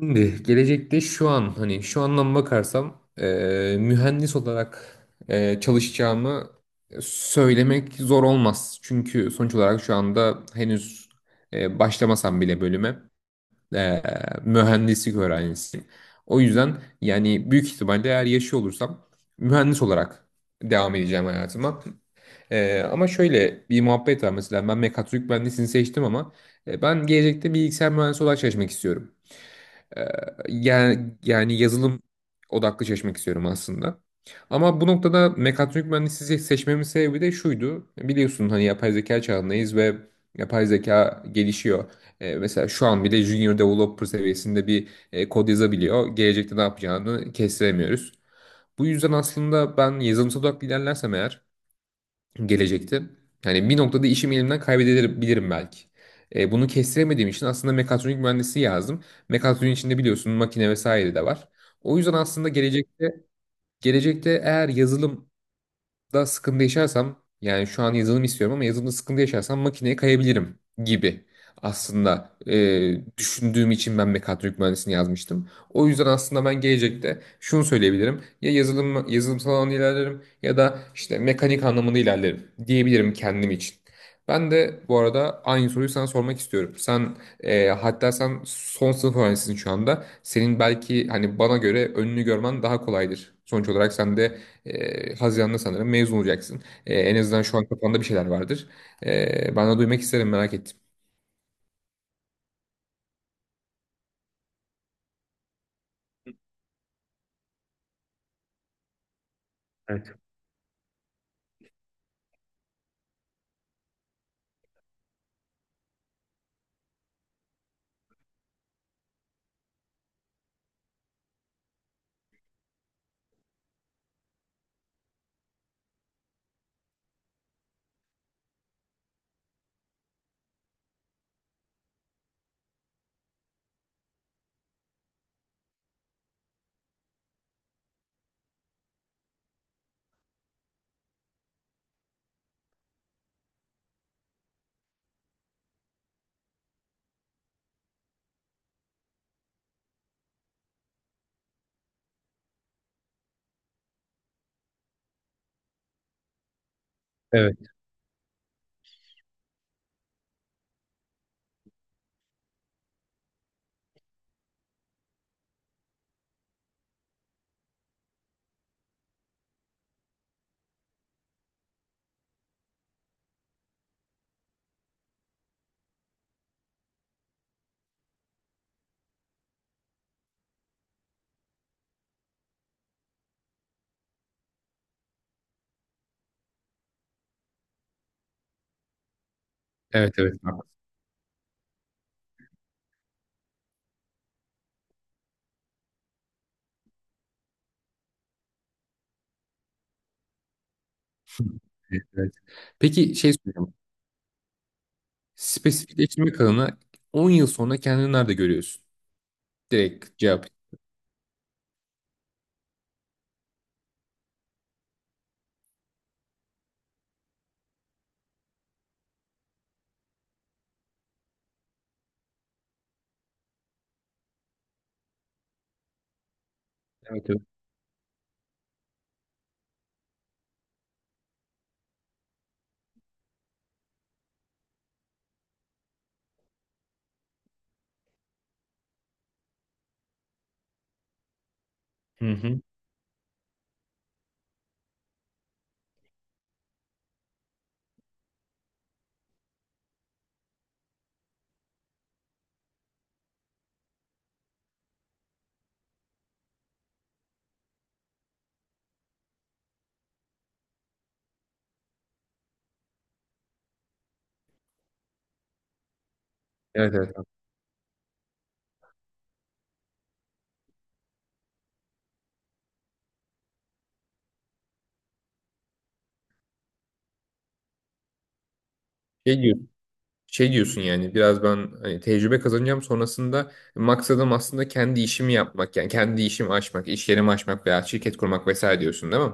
Şimdi gelecekte şu an hani şu andan bakarsam mühendis olarak çalışacağımı söylemek zor olmaz. Çünkü sonuç olarak şu anda henüz başlamasam bile bölüme eee, mühendislik öğrencisiyim. O yüzden yani büyük ihtimalle eğer yaşıyor olursam mühendis olarak devam edeceğim hayatıma. Ama şöyle bir muhabbet var mesela ben mekatronik mühendisliğini seçtim ama ben gelecekte bilgisayar mühendisi olarak çalışmak istiyorum. Ee, yani yazılım odaklı çalışmak istiyorum aslında. Ama bu noktada mekatronik mühendisliği seçmemin sebebi de şuydu. Biliyorsun hani yapay zeka çağındayız ve yapay zeka gelişiyor. Mesela şu an bile junior developer seviyesinde bir kod yazabiliyor. Gelecekte ne yapacağını kestiremiyoruz. Bu yüzden aslında ben yazılımsal odaklı ilerlersem eğer gelecekte. Yani bir noktada işimi elimden kaybedebilirim belki. Bunu kestiremediğim için aslında mekatronik mühendisi yazdım. Mekatronik içinde biliyorsun makine vesaire de var. O yüzden aslında gelecekte eğer yazılım da sıkıntı yaşarsam yani şu an yazılım istiyorum ama yazılımda sıkıntı yaşarsam makineye kayabilirim gibi aslında düşündüğüm için ben mekatronik mühendisliğini yazmıştım. O yüzden aslında ben gelecekte şunu söyleyebilirim. Ya yazılımsal anlamda ilerlerim ya da işte mekanik anlamında ilerlerim diyebilirim kendim için. Ben de bu arada aynı soruyu sana sormak istiyorum. Sen hatta sen son sınıf öğrencisisin şu anda. Senin belki hani bana göre önünü görmen daha kolaydır. Sonuç olarak sen de Haziran'da sanırım mezun olacaksın. En azından şu an kafanda bir şeyler vardır. Ben de duymak isterim, merak ettim. Evet, evet. Evet, evet. Peki, şey soracağım. Spesifikleştirme kanalına 10 yıl sonra kendini nerede görüyorsun? Direkt cevap. Evet, evet. Hı hı. Evet, evet. Şey diyorsun, şey diyorsun yani biraz ben hani tecrübe kazanacağım, sonrasında maksadım aslında kendi işimi yapmak yani kendi işimi açmak, iş yerimi açmak veya şirket kurmak vesaire diyorsun değil mi?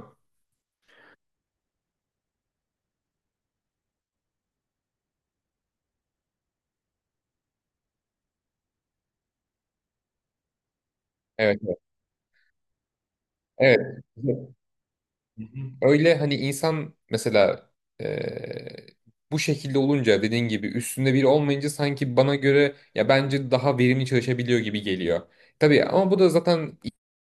Evet, evet. Evet. Hı hı. Öyle, hani insan mesela eee, bu şekilde olunca dediğin gibi üstünde biri olmayınca sanki bana göre ya bence daha verimli çalışabiliyor gibi geliyor. Tabii ama bu da zaten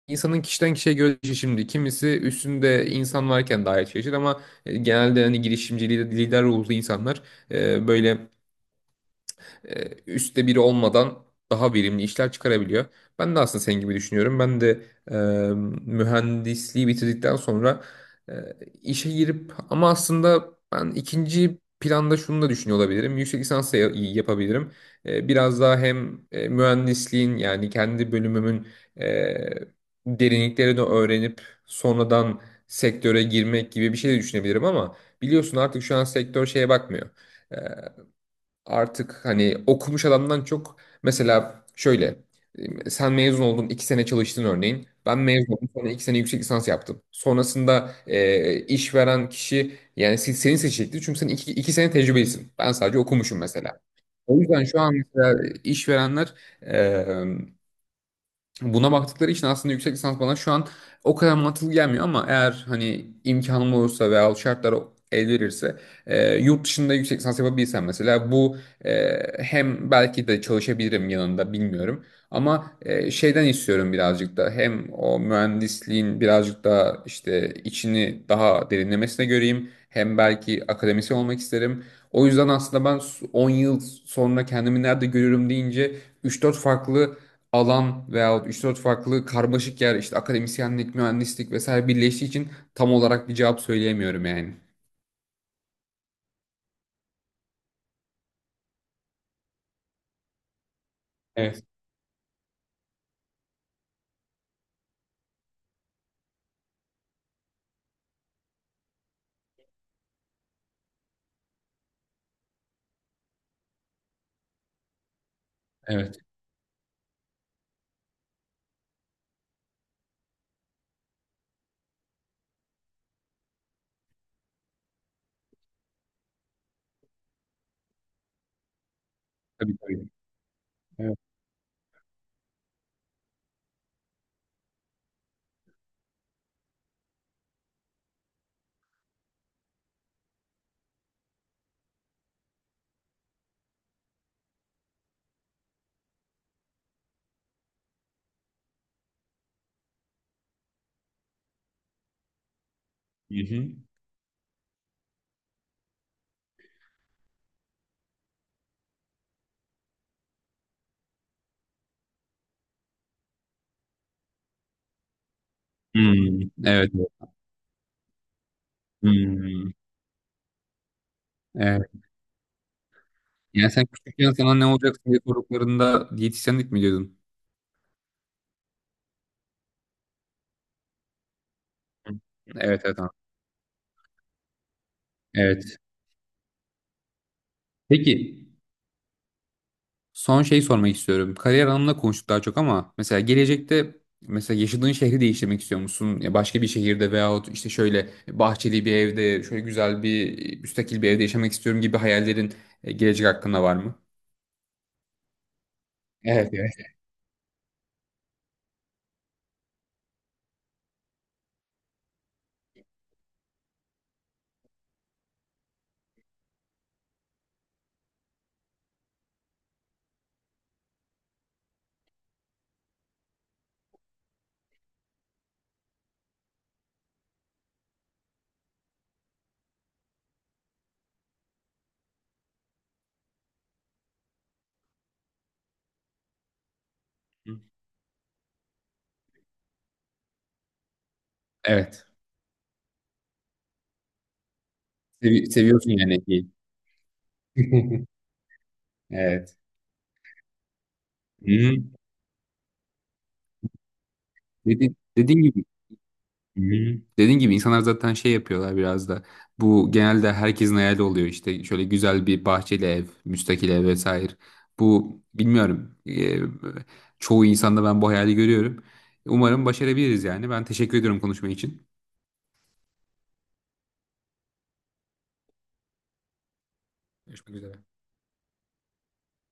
insanın kişiden kişiye göre değişir şimdi. Kimisi üstünde insan varken daha iyi çalışır ama genelde hani girişimci lider, lider ruhlu insanlar e, böyle üstte biri olmadan daha verimli işler çıkarabiliyor. Ben de aslında senin gibi düşünüyorum. Ben de e, mühendisliği bitirdikten sonra e, işe girip ama aslında ben ikinci planda şunu da düşünüyor olabilirim. Yüksek lisans da yapabilirim. Biraz daha hem mühendisliğin yani kendi bölümümün e, derinliklerini öğrenip sonradan sektöre girmek gibi bir şey de düşünebilirim ama biliyorsun artık şu an sektör şeye bakmıyor. E, artık hani okumuş adamdan çok mesela şöyle sen mezun oldun iki sene çalıştın örneğin. Ben mezun oldum sonra iki sene yüksek lisans yaptım. Sonrasında işveren kişi yani seni seçecektir. Çünkü sen iki sene tecrübelisin. Ben sadece okumuşum mesela. O yüzden şu an mesela işverenler buna baktıkları için aslında yüksek lisans bana şu an o kadar mantıklı gelmiyor ama eğer hani imkanım olursa veya şartlar el verirse yurt dışında yüksek lisans yapabilsem mesela bu e, hem belki de çalışabilirim yanında bilmiyorum ama şeyden istiyorum birazcık da, hem o mühendisliğin birazcık daha işte içini daha derinlemesine göreyim, hem belki akademisyen olmak isterim. O yüzden aslında ben 10 yıl sonra kendimi nerede görüyorum deyince 3-4 farklı alan veya üç dört farklı karmaşık yer işte akademisyenlik, mühendislik vesaire birleştiği için tam olarak bir cevap söyleyemiyorum yani. Evet, evet. Tabii, tabii. Evet. Hı hı. Hmm, evet. Hmm, evet. Yani sen küçükken sana ne olacak diye sorduklarında diyetisyenlik mi diyordun? Hı. Evet, evet. Tamam. Evet. Peki, son şey sormak istiyorum. Kariyer anlamında konuştuk daha çok ama mesela gelecekte, mesela yaşadığın şehri değiştirmek istiyor musun? Ya başka bir şehirde veyahut işte şöyle bahçeli bir evde, şöyle güzel bir müstakil bir evde yaşamak istiyorum gibi hayallerin gelecek hakkında var mı? Evet, evet. Evet. Seviyorsun yani. Evet. Hı. Dediğin gibi. Hmm. Dediğin gibi insanlar zaten şey yapıyorlar biraz da. Bu genelde herkesin hayali oluyor, işte şöyle güzel bir bahçeli ev, müstakil ev vesaire. Bu bilmiyorum. Çoğu insanda ben bu hayali görüyorum. Umarım başarabiliriz yani. Ben teşekkür ediyorum konuşma için. Görüşmek üzere.